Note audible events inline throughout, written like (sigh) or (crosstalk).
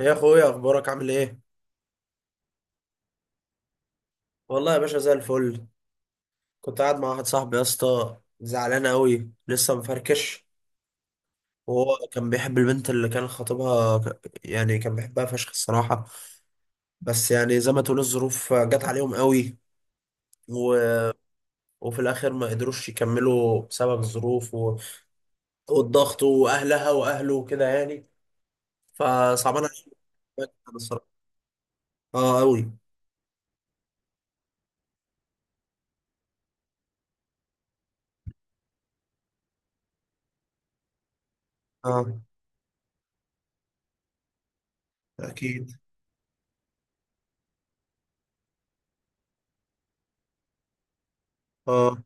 يا اخويا، اخبارك عامل ايه. والله يا باشا زي الفل. كنت قاعد مع واحد صاحبي يا اسطى زعلان قوي لسه مفركش. وهو كان بيحب البنت اللي كان خطيبها كان بيحبها فشخ الصراحه. بس يعني زي ما تقول الظروف جت عليهم قوي و... وفي الاخر ما قدروش يكملوا بسبب الظروف والضغط واهلها واهله وكده يعني، فصعبان عليهم الصراحه، اه قوي. اه. اكيد. اه.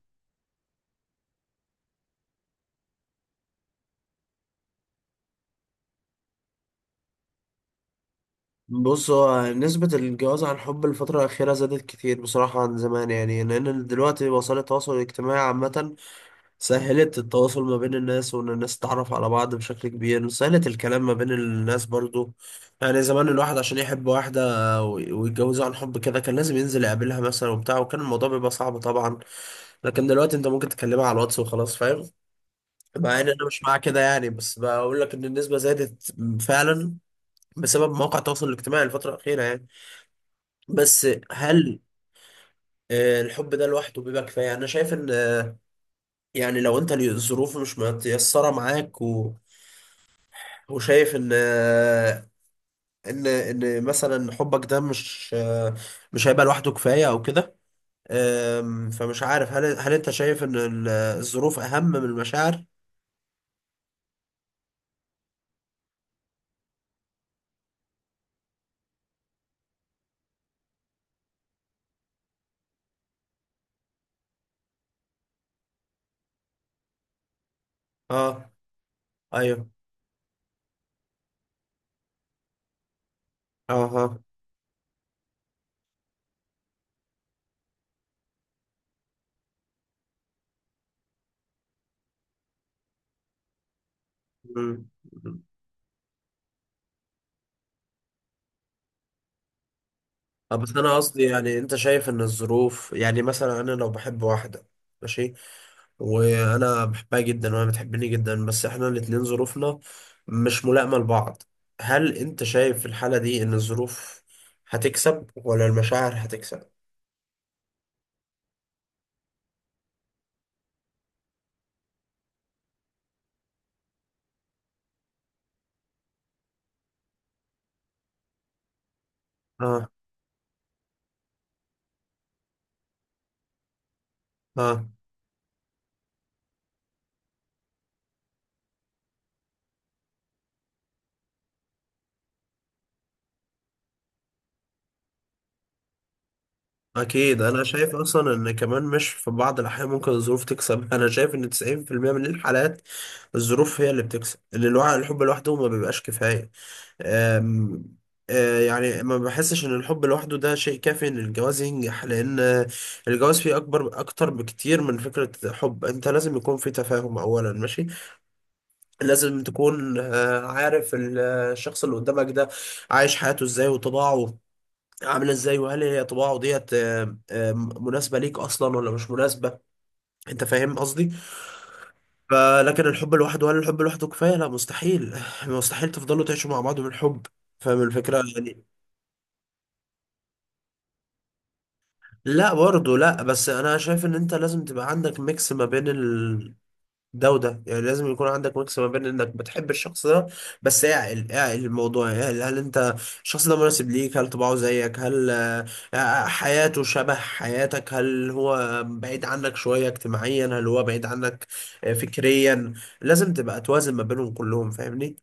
بص، هو نسبة الجواز عن حب الفترة الأخيرة زادت كتير بصراحة عن زمان، يعني لأن دلوقتي وسائل التواصل الاجتماعي عامة سهلت التواصل ما بين الناس، وإن الناس تتعرف على بعض بشكل كبير، سهلت الكلام ما بين الناس برضو. يعني زمان الواحد عشان يحب واحدة ويتجوزها عن حب كده كان لازم ينزل يقابلها مثلا وبتاع، وكان الموضوع بيبقى صعب طبعا. لكن دلوقتي أنت ممكن تكلمها على الواتس وخلاص، فاهم. مع إن أنا مش مع كده يعني، بس بقول لك إن النسبة زادت فعلا بسبب مواقع التواصل الاجتماعي الفترة الأخيرة يعني. بس هل الحب ده لوحده بيبقى كفاية؟ أنا شايف إن يعني لو أنت الظروف مش متيسرة معاك وشايف إن، إن مثلا حبك ده مش، مش هيبقى لوحده كفاية أو كده. فمش عارف، هل أنت شايف إن الظروف أهم من المشاعر؟ أه. أيوه. أه، ها. مم. بس أنا قصدي يعني أنت شايف إن الظروف، يعني مثلا أنا لو بحب واحدة، ماشي، وانا بحبها جدا وهي بتحبني جدا، بس احنا الاتنين ظروفنا مش ملائمة لبعض، هل انت شايف في الحالة دي ان الظروف هتكسب ولا المشاعر هتكسب؟ اه. اه. اكيد انا شايف اصلا ان كمان مش، في بعض الاحيان ممكن الظروف تكسب. انا شايف ان 90% من الحالات الظروف هي اللي بتكسب، ان الحب لوحده ما بيبقاش كفاية. أم- يعني ما بحسش ان الحب لوحده ده شيء كافي ان الجواز ينجح، لان الجواز فيه اكبر، اكتر بكتير من فكرة حب. انت لازم يكون في تفاهم اولا، ماشي، لازم تكون عارف الشخص اللي قدامك ده عايش حياته ازاي، وطباعه عامله ازاي، وهل هي طباعه ديت مناسبة ليك اصلا ولا مش مناسبة، انت فاهم قصدي. فلكن الحب لوحده، هل الحب لوحده كفاية؟ لا، مستحيل (laughs) مستحيل تفضلوا تعيشوا مع بعض من حب، فاهم الفكرة يعني. لا برضه، لا، بس انا شايف ان انت لازم تبقى عندك ميكس ما بين ده وده، يعني لازم يكون عندك ميكس ما بين انك بتحب الشخص ده، بس اعقل اعقل الموضوع، يعني هل انت، الشخص ده مناسب ليك، هل طباعه زيك، هل حياته شبه حياتك، هل هو بعيد عنك شوية اجتماعيا، هل هو بعيد عنك فكريا، لازم تبقى توازن ما بينهم كلهم، فاهمني.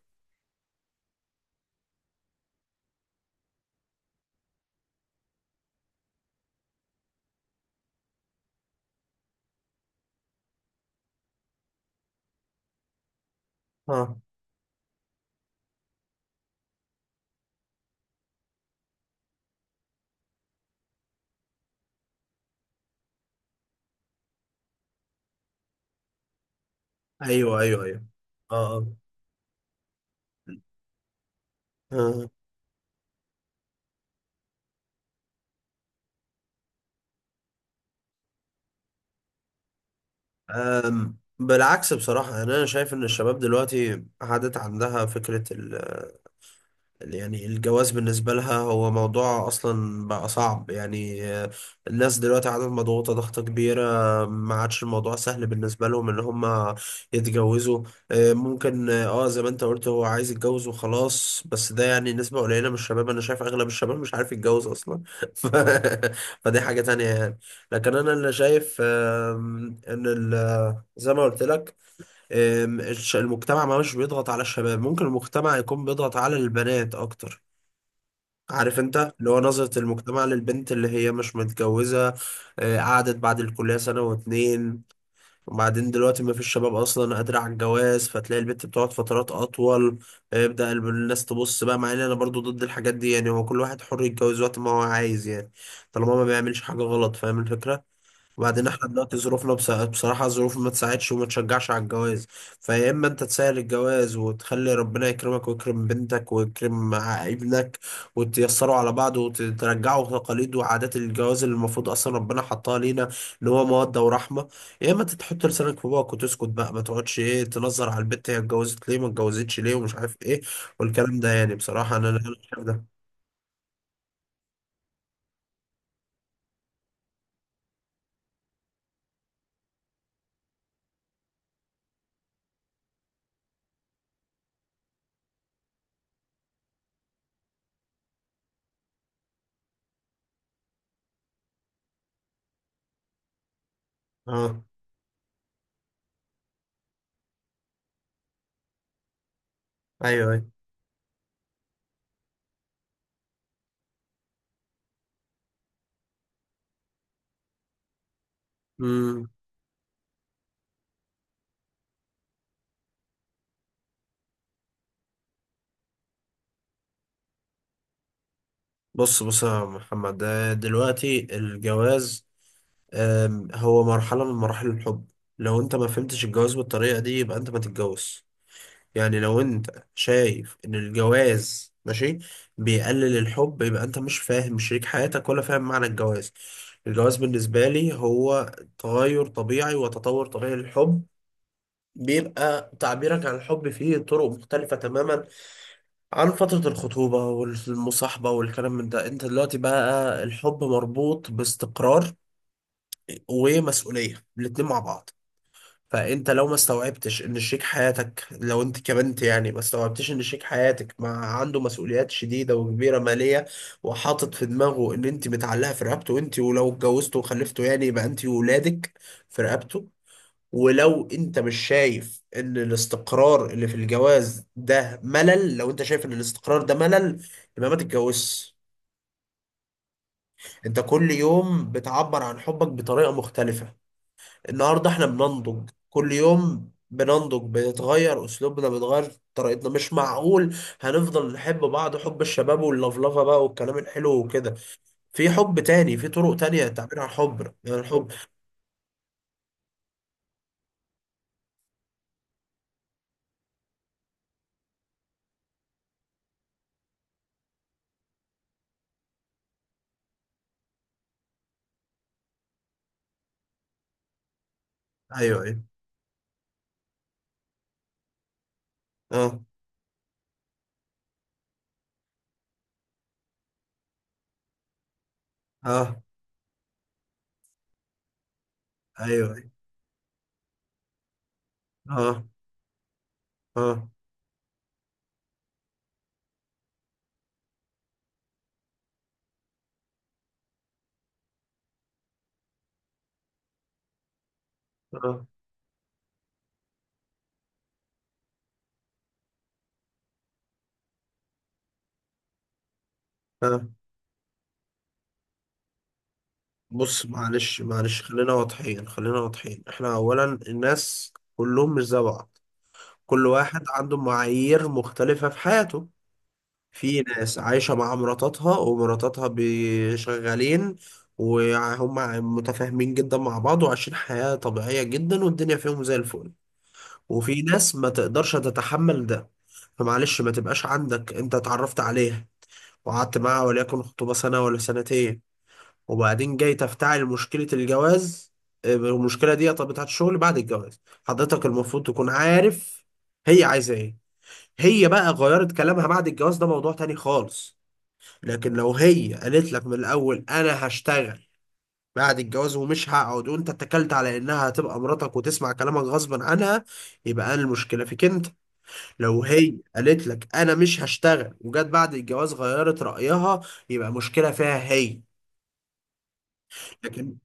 اه. ايوه، ايوه، ايوه. اه. آه. آه. بالعكس بصراحة، يعني أنا شايف إن الشباب دلوقتي عادت عندها فكرة ال، يعني الجواز بالنسبة لها هو موضوع أصلا بقى صعب، يعني الناس دلوقتي عندها، مضغوطة ضغطة كبيرة، ما عادش الموضوع سهل بالنسبة لهم إن هم يتجوزوا. ممكن اه زي ما أنت قلت هو عايز يتجوز وخلاص، بس ده يعني نسبة قليلة من الشباب. أنا شايف أغلب الشباب مش عارف يتجوز أصلا (laughs) ف... فدي حاجة تانية يعني. لكن أنا اللي شايف، إن زي ما قلت لك، المجتمع ما مش بيضغط على الشباب، ممكن المجتمع يكون بيضغط على البنات اكتر، عارف انت، اللي هو نظرة المجتمع للبنت اللي هي مش متجوزة. قعدت بعد الكلية سنة واتنين، وبعدين دلوقتي ما فيش شباب اصلا قادرة على الجواز، فتلاقي البنت بتقعد فترات اطول، يبدأ الناس تبص بقى. مع ان انا برضو ضد الحاجات دي، يعني هو كل واحد حر يتجوز وقت ما هو عايز يعني، طالما ما بيعملش حاجة غلط، فاهم الفكرة. وبعدين احنا دلوقتي ظروفنا بصراحة الظروف ما تساعدش وما تشجعش على الجواز. فيا اما انت تسهل الجواز وتخلي ربنا يكرمك ويكرم بنتك ويكرم ابنك، وتيسروا على بعض، وترجعوا تقاليد وعادات الجواز اللي المفروض اصلا ربنا حطها لينا، اللي هو مودة ورحمة. يا اما انت تحط لسانك في بوقك وتسكت بقى، ما تقعدش ايه تنظر على البت هي اتجوزت ليه، ما اتجوزتش ليه، ومش عارف ايه، والكلام ده يعني. بصراحة انا شايف ده. اه. ايوه، ايوه. بص، بص يا محمد، ده دلوقتي الجواز هو مرحلة من مراحل الحب. لو انت ما فهمتش الجواز بالطريقة دي يبقى انت ما تتجوز. يعني لو انت شايف ان الجواز ماشي بيقلل الحب، يبقى انت مش فاهم شريك حياتك، ولا فاهم معنى الجواز. الجواز بالنسبة لي هو تغير طبيعي وتطور طبيعي للحب، بيبقى تعبيرك عن الحب فيه طرق مختلفة تماما عن فترة الخطوبة والمصاحبة والكلام من ده. انت دلوقتي بقى الحب مربوط باستقرار ومسؤولية الاتنين مع بعض. فانت لو ما استوعبتش ان شريك حياتك، لو انت كبنت يعني ما استوعبتش ان شريك حياتك مع، عنده مسؤوليات شديدة وكبيرة مالية، وحاطط في دماغه ان انت متعلقة في رقبته انت، ولو اتجوزته وخلفته يعني يبقى انت وولادك في رقبته، ولو انت مش شايف ان الاستقرار اللي في الجواز ده ملل، لو انت شايف ان الاستقرار ده ملل، يبقى ما تتجوزش. انت كل يوم بتعبر عن حبك بطريقة مختلفة. النهاردة احنا بننضج، كل يوم بننضج، بنتغير اسلوبنا، بنتغير طريقتنا، مش معقول هنفضل نحب بعض حب الشباب واللفلفة بقى والكلام الحلو وكده، في حب تاني، في طرق تانية تعبير عن الحب، يعني الحب. ايوه، ايوه. اه. اه. ايوه، ايوه. اه. اه. اه. آه. بص، معلش معلش خلينا واضحين، خلينا واضحين. احنا اولا الناس كلهم مش زي بعض، كل واحد عنده معايير مختلفة في حياته. في ناس عايشة مع مراتاتها، ومراتاتها شغالين، وهم متفاهمين جدا مع بعض وعايشين حياة طبيعية جدا، والدنيا فيهم زي الفل. وفي ناس ما تقدرش تتحمل ده. فمعلش، ما تبقاش عندك انت اتعرفت عليها وقعدت معاها وليكن خطوبة سنة ولا سنتين، وبعدين جاي تفتعل مشكلة الجواز. المشكلة دي طب، بتاعت الشغل بعد الجواز، حضرتك المفروض تكون عارف هي عايزة ايه. هي بقى غيرت كلامها بعد الجواز ده موضوع تاني خالص، لكن لو هي قالت لك من الأول أنا هشتغل بعد الجواز ومش هقعد، وانت اتكلت على انها هتبقى مراتك وتسمع كلامك غصبا عنها، يبقى انا المشكله فيك انت. لو هي قالت لك انا مش هشتغل وجت بعد الجواز غيرت رايها، يبقى مشكله فيها هي. لكن،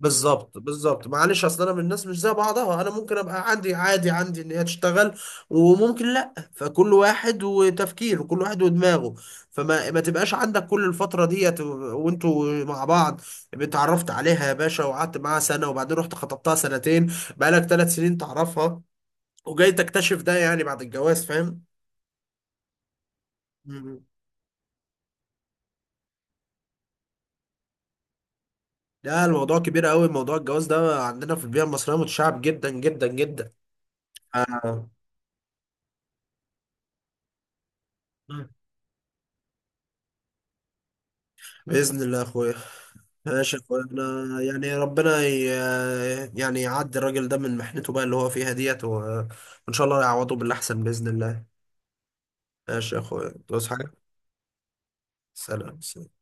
بالظبط بالظبط. معلش اصل انا من الناس مش زي بعضها، انا ممكن ابقى عندي عادي عندي ان هي تشتغل، وممكن لا، فكل واحد وتفكيره، كل واحد ودماغه. فما ما تبقاش عندك، كل الفتره ديت وانتوا مع بعض اتعرفت عليها يا باشا، وقعدت معاها سنه، وبعدين رحت خطبتها سنتين، بقالك ثلاث سنين تعرفها، وجاي تكتشف ده يعني بعد الجواز، فاهم. مم. لا الموضوع كبير قوي، موضوع الجواز ده عندنا في البيئه المصريه متشعب جدا جدا جدا. آه. بإذن الله يا أخويا. ماشي يا أخويا، أنا يعني ربنا يعني يعدي الراجل ده من محنته بقى اللي هو فيها ديت وإن شاء الله يعوضه بالأحسن بإذن الله. ماشي يا أخويا، تصحى. سلام سلام.